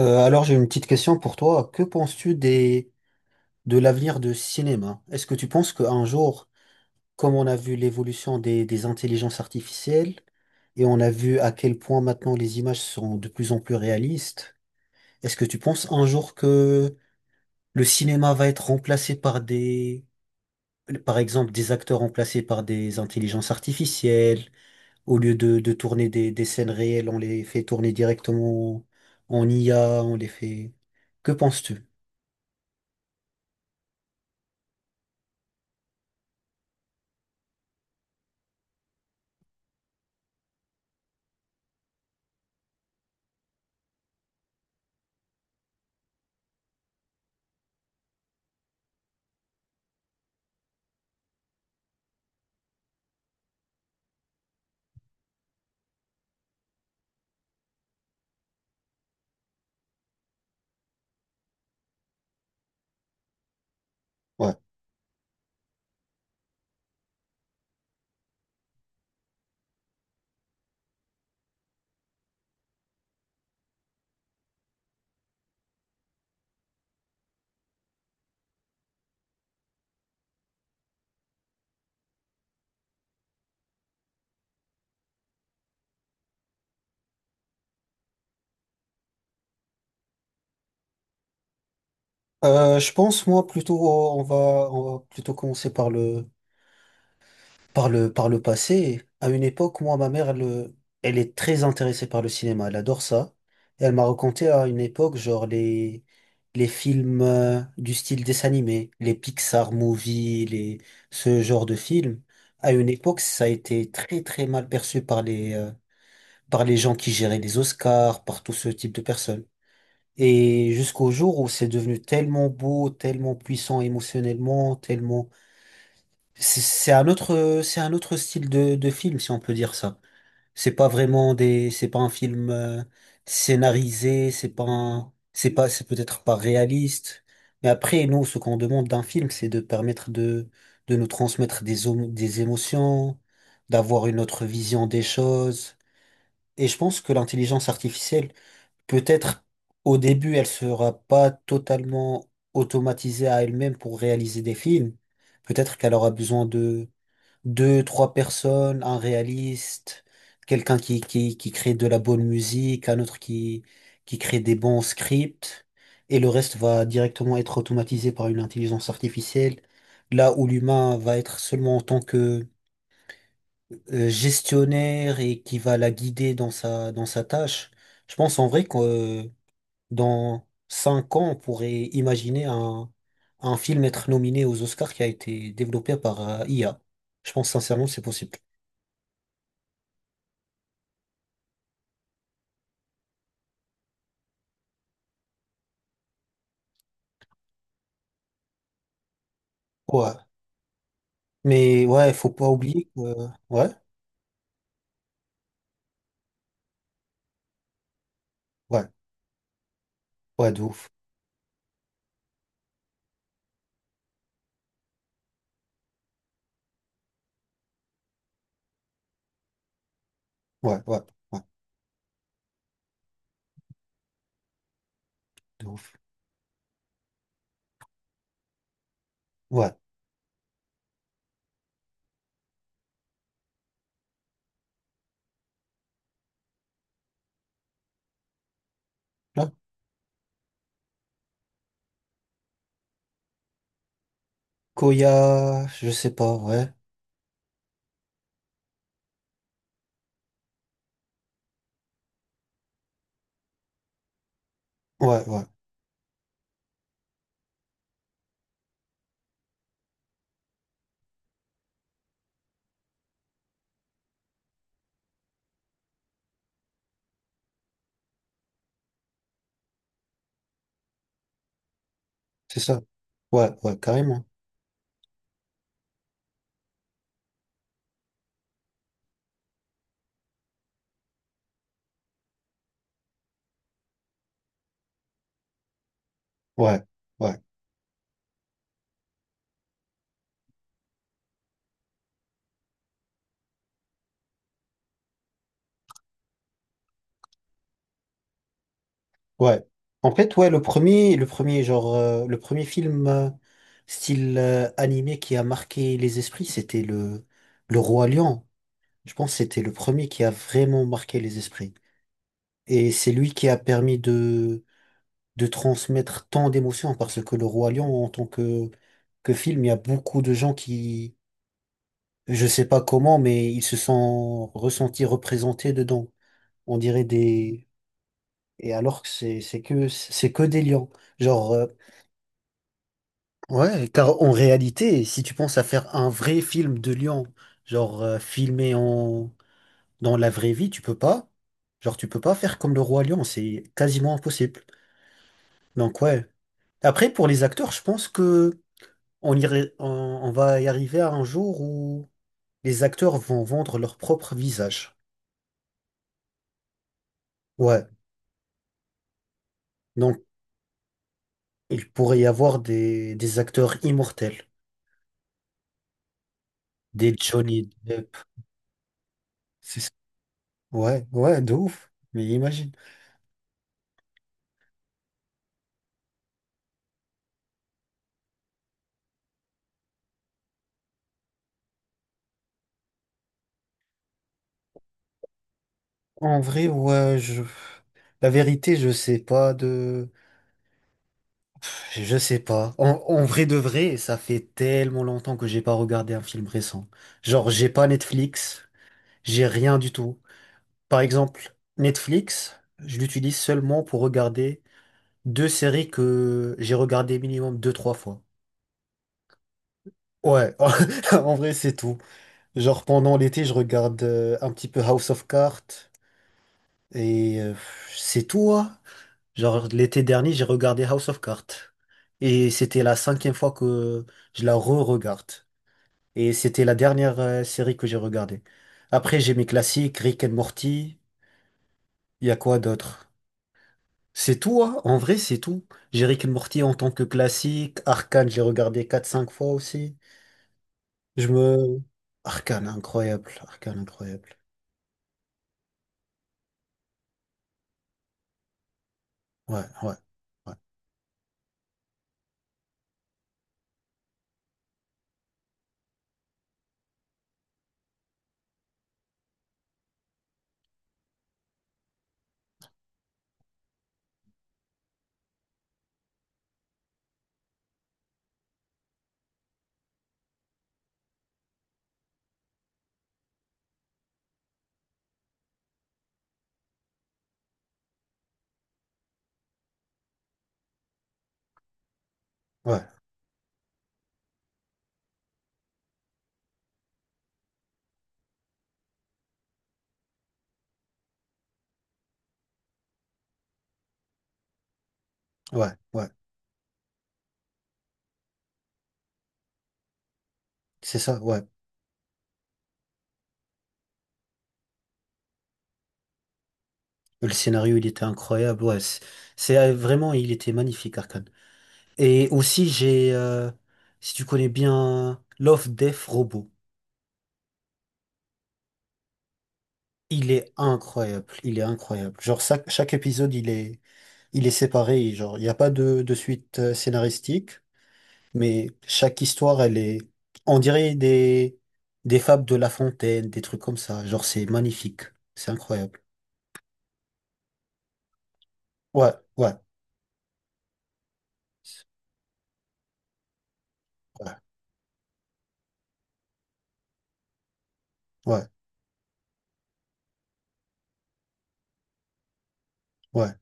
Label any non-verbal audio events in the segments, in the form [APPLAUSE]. Alors j'ai une petite question pour toi. Que penses-tu des de l'avenir du cinéma? Est-ce que tu penses qu'un jour, comme on a vu l'évolution des intelligences artificielles et on a vu à quel point maintenant les images sont de plus en plus réalistes, est-ce que tu penses un jour que le cinéma va être remplacé par par exemple, des acteurs remplacés par des intelligences artificielles, au lieu de tourner des scènes réelles, on les fait tourner directement en IA, on les fait... Que penses-tu? Ouais. Je pense, moi, plutôt, on va, on va plutôt commencer par le passé. À une époque, moi, ma mère, elle est très intéressée par le cinéma. Elle adore ça. Et elle m'a raconté à une époque, genre, les films, du style dessin animé, les Pixar movies, ce genre de films. À une époque, ça a été très, très mal perçu par les gens qui géraient les Oscars, par tout ce type de personnes. Et jusqu'au jour où c'est devenu tellement beau, tellement puissant émotionnellement, tellement... C'est un autre style de film, si on peut dire ça. C'est pas vraiment des... C'est pas un film scénarisé, c'est pas, c'est peut-être pas réaliste. Mais après, nous, ce qu'on demande d'un film, c'est de permettre de nous transmettre des émotions, d'avoir une autre vision des choses. Et je pense que l'intelligence artificielle peut-être au début, elle sera pas totalement automatisée à elle-même pour réaliser des films. Peut-être qu'elle aura besoin de deux, trois personnes, un réaliste, quelqu'un qui crée de la bonne musique, un autre qui crée des bons scripts, et le reste va directement être automatisé par une intelligence artificielle, là où l'humain va être seulement en tant que gestionnaire et qui va la guider dans sa tâche. Je pense en vrai que dans 5 ans, on pourrait imaginer un film être nominé aux Oscars qui a été développé par IA. Je pense sincèrement que c'est possible. Ouais. Mais ouais, faut pas oublier que... Ouais, ouais, ouais, de ouf. Ouais, ouais, ouais, de ouf. Ouais. Là, Koya, je sais pas, ouais. Ouais, ouais, c'est ça. Ouais, ouais, carrément. Ouais, ouais. Ouais. En fait, ouais, le premier film style animé qui a marqué les esprits, c'était le Roi Lion. Je pense que c'était le premier qui a vraiment marqué les esprits. Et c'est lui qui a permis de transmettre tant d'émotions parce que le Roi Lion, en tant que film, il y a beaucoup de gens qui, je sais pas comment, mais ils se sont ressentis représentés dedans. On dirait des et alors que c'est que c'est que des lions. Genre. Ouais, car en réalité, si tu penses à faire un vrai film de lion, genre, filmé en dans la vraie vie, tu peux pas. Genre tu peux pas faire comme le roi lion, c'est quasiment impossible. Donc ouais. Après pour les acteurs, je pense que on va y arriver à un jour où les acteurs vont vendre leur propre visage. Ouais. Donc il pourrait y avoir des acteurs immortels, des Johnny Depp. C'est ça. Ouais, ouais, de ouf. Mais imagine. En vrai, ouais, je... La vérité, je sais pas de... Je sais pas. En vrai de vrai, ça fait tellement longtemps que j'ai pas regardé un film récent. Genre, j'ai pas Netflix, j'ai rien du tout. Par exemple, Netflix, je l'utilise seulement pour regarder deux séries que j'ai regardées minimum deux, trois fois. Ouais, [LAUGHS] en vrai, c'est tout. Genre, pendant l'été, je regarde un petit peu House of Cards et c'est tout, hein. Genre, l'été dernier, j'ai regardé House of Cards. Et c'était la cinquième fois que je la re-regarde. Et c'était la dernière série que j'ai regardée. Après, j'ai mes classiques, Rick and Morty. Il y a quoi d'autre? C'est tout, hein. En vrai, c'est tout. J'ai Rick and Morty en tant que classique. Arcane, j'ai regardé quatre cinq fois aussi. Je me... Arcane, incroyable. Arcane, incroyable. Ouais, ouais, ouais, ouais, ouais, ouais. C'est ça, ouais. Le scénario, il était incroyable. Ouais, c'est, vraiment, il était magnifique, Arcane. Et aussi, si tu connais bien Love, Death, Robot, il est incroyable, il est incroyable. Genre, chaque épisode, il est séparé, genre, il n'y a pas de suite scénaristique, mais chaque histoire, elle est, on dirait des fables de La Fontaine, des trucs comme ça. Genre, c'est magnifique, c'est incroyable. Ouais, ouais, ouais, ouais, ouais,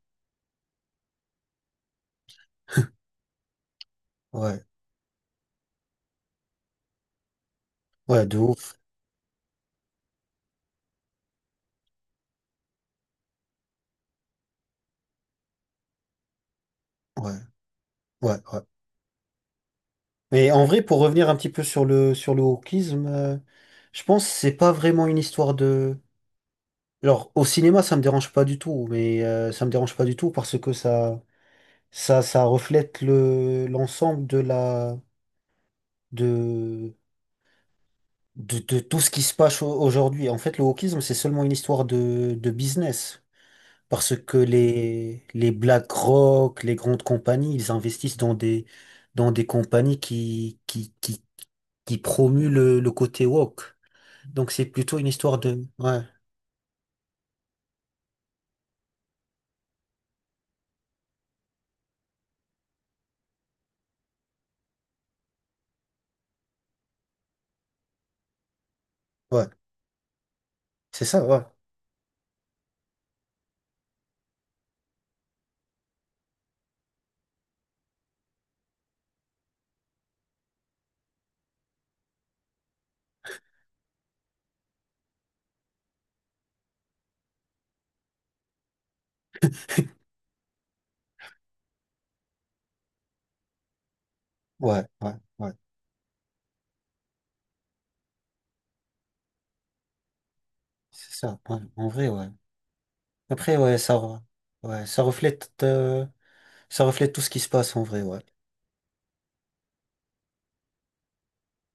ouais, ouais, de ouf, ouais, ouais, ouais. Mais en vrai, pour revenir un petit peu sur le wokisme, je pense que c'est pas vraiment une histoire de. Alors au cinéma, ça me dérange pas du tout, mais ça me dérange pas du tout parce que ça reflète le l'ensemble de la de, de tout ce qui se passe aujourd'hui. En fait, le wokisme, c'est seulement une histoire de business parce que les BlackRock, les grandes compagnies, ils investissent dans des compagnies qui promuent le côté woke. Donc c'est plutôt une histoire de... Ouais, ouais. C'est ça, ouais. Ouais, ouais, ouais. C'est ça, ouais. En vrai, ouais. Après, ouais, ouais, ça reflète tout ce qui se passe en vrai, ouais.